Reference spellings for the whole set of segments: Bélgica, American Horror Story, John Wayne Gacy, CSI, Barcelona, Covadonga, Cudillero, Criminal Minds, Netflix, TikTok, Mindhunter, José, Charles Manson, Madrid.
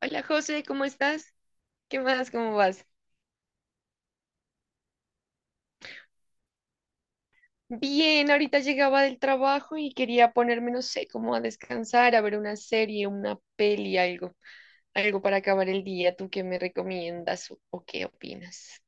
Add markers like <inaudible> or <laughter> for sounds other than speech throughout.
Hola José, ¿cómo estás? ¿Qué más? ¿Cómo vas? Bien, ahorita llegaba del trabajo y quería ponerme, no sé, como a descansar, a ver una serie, una peli, algo, algo para acabar el día. ¿Tú qué me recomiendas o qué opinas?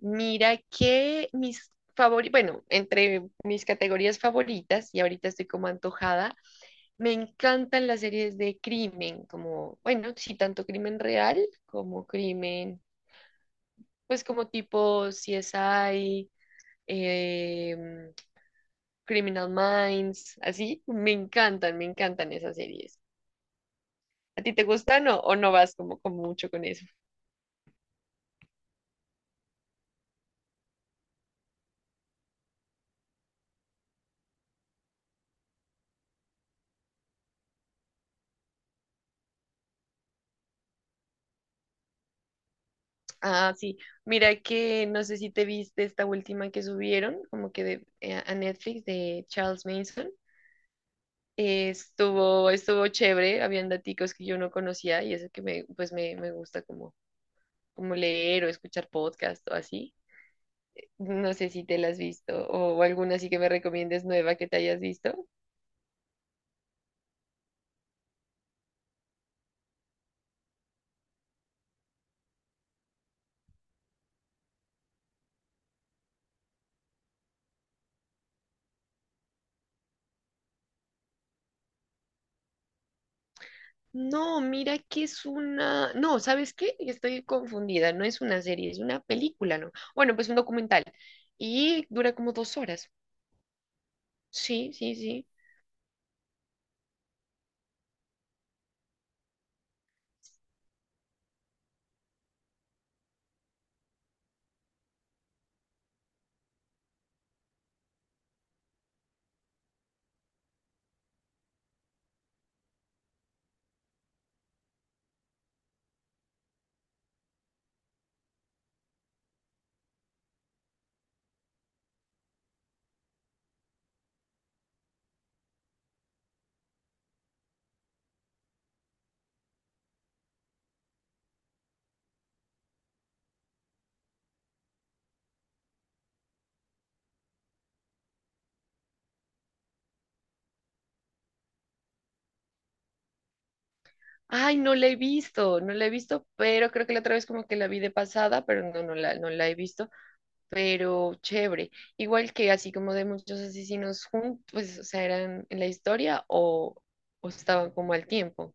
Mira que mis favoritos, bueno, entre mis categorías favoritas, y ahorita estoy como antojada, me encantan las series de crimen, como, bueno, sí, tanto crimen real como crimen, pues como tipo CSI, em, Criminal Minds, así. Me encantan esas series. ¿A ti te gustan o no vas como, como mucho con eso? Ah, sí. Mira que no sé si te viste esta última que subieron, como que de, a Netflix, de Charles Manson. Estuvo chévere, habían daticos que yo no conocía y eso que me gusta como, como leer o escuchar podcast o así. No sé si te la has visto o alguna así que me recomiendes nueva que te hayas visto. No, mira que es una... No, ¿sabes qué? Estoy confundida. No es una serie, es una película, ¿no? Bueno, pues un documental. Y dura como dos horas. Sí, sí, sí. Ay, no la he visto, no la he visto, pero creo que la otra vez como que la vi de pasada, pero no, no la he visto, pero chévere. Igual que así como de muchos asesinos juntos, pues, o sea, eran en la historia o estaban como al tiempo.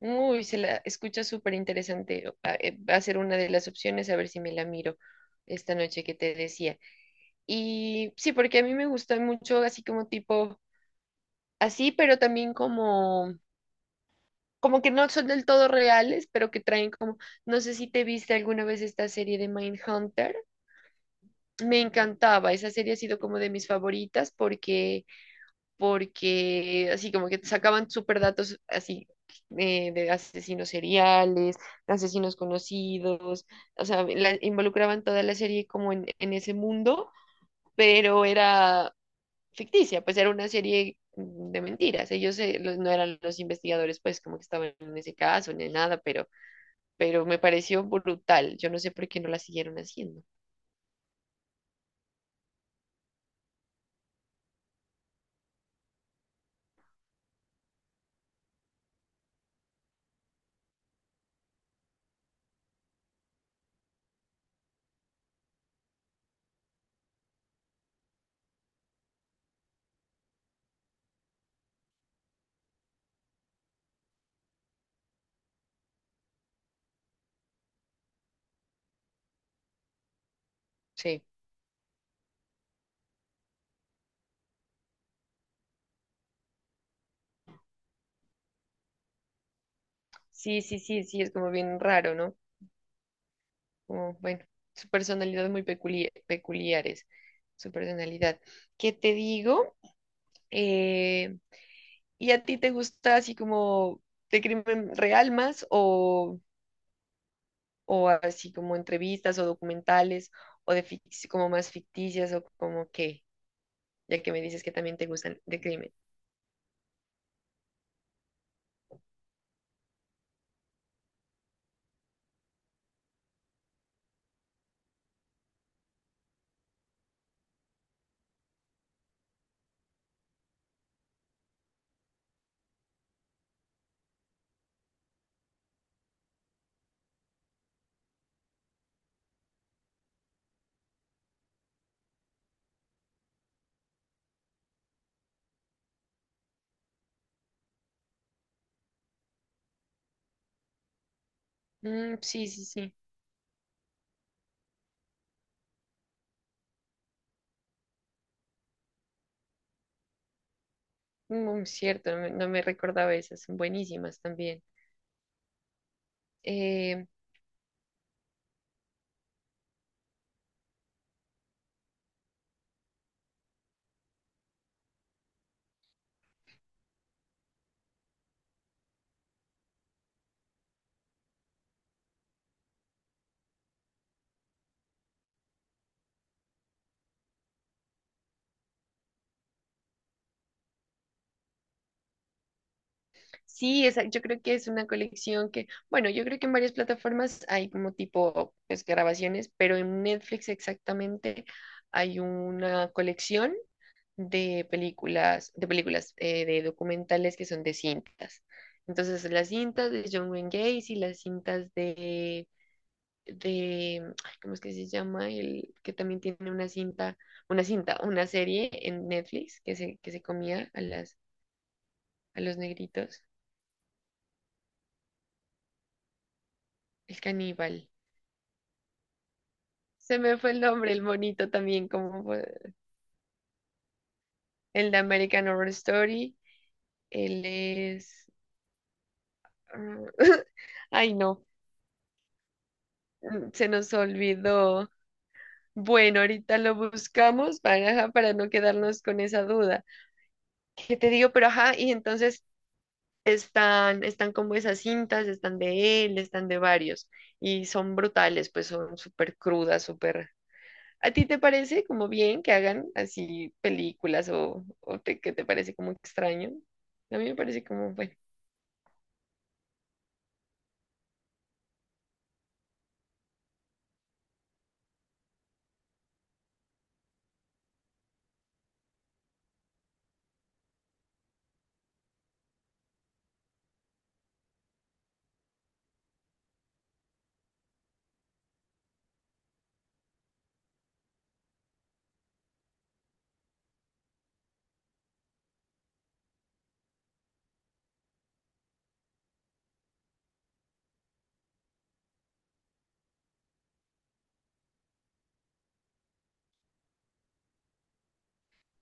Uy, se la escucha súper interesante. Va, va a ser una de las opciones, a ver si me la miro esta noche que te decía. Y sí, porque a mí me gusta mucho así como tipo, así, pero también como como que no son del todo reales, pero que traen como, no sé si te viste alguna vez esta serie de Mindhunter. Me encantaba, esa serie ha sido como de mis favoritas porque, porque así como que sacaban súper datos así, de asesinos seriales, de asesinos conocidos, o sea, la- involucraban toda la serie como en ese mundo, pero era ficticia, pues era una serie de mentiras. Ellos, los- no eran los investigadores, pues como que estaban en ese caso ni nada, pero me pareció brutal. Yo no sé por qué no la siguieron haciendo. Sí, sí, sí, sí, sí, es como bien raro, ¿no? Como, bueno, su personalidad es muy peculiar, peculiares, su personalidad. ¿Qué te digo? Eh, ¿Y a ti te gusta así como de crimen real más o así como entrevistas o documentales o de fic- como más ficticias o como qué? Ya que me dices que también te gustan de crimen. Mm, sí, sí, sí. Muy cierto, no me recordaba esas, son buenísimas también. Eh, sí, esa, yo creo que es una colección que, bueno, yo creo que en varias plataformas hay como tipo, pues, grabaciones, pero en Netflix exactamente hay una colección de películas, de documentales que son de cintas. Entonces, las cintas de John Wayne Gacy, las cintas de, ay, ¿cómo es que se llama? El que también tiene una serie en Netflix que que se comía a las, a los negritos, el caníbal. Se me fue el nombre, el monito también, como fue- el de American Horror Story. Él es, <laughs> ay no, se nos olvidó. Bueno, ahorita lo buscamos para, ajá, para no quedarnos con esa duda. ¿Qué te digo? Pero ajá, y entonces están, están como esas cintas, están de él, están de varios y son brutales, pues son súper crudas, súper... ¿A ti te parece como bien que hagan así películas que te parece como extraño? A mí me parece como, bueno,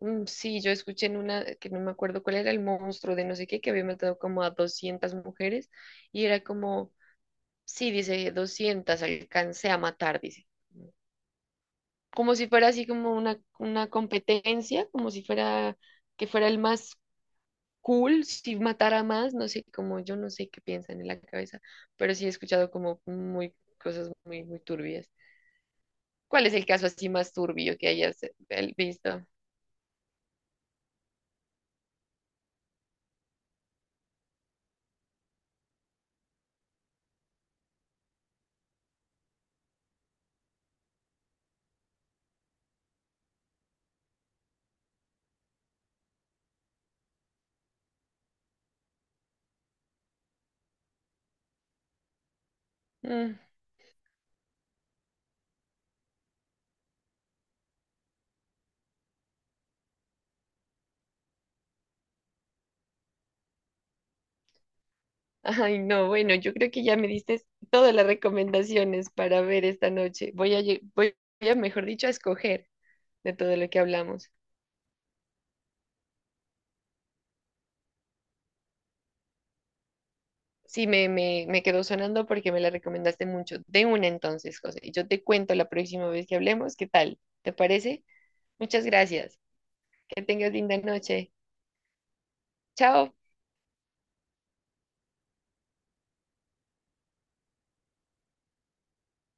mm, sí, yo escuché en una, que no me acuerdo cuál era el monstruo de no sé qué, que había matado como a 200 mujeres y era como, sí, dice, 200 alcancé a matar, dice. Como si fuera así como una competencia, como si fuera que fuera el más cool, si matara más, no sé, como yo no sé qué piensan en la cabeza, pero sí he escuchado como muy cosas muy, muy turbias. ¿Cuál es el caso así más turbio que hayas visto? Mm. Ay, no, bueno, yo creo que ya me diste todas las recomendaciones para ver esta noche. Voy a, mejor dicho, a escoger de todo lo que hablamos. Sí, me quedó sonando porque me la recomendaste mucho. De una entonces, José. Y yo te cuento la próxima vez que hablemos, ¿qué tal? ¿Te parece? Muchas gracias. Que tengas linda noche. Chao.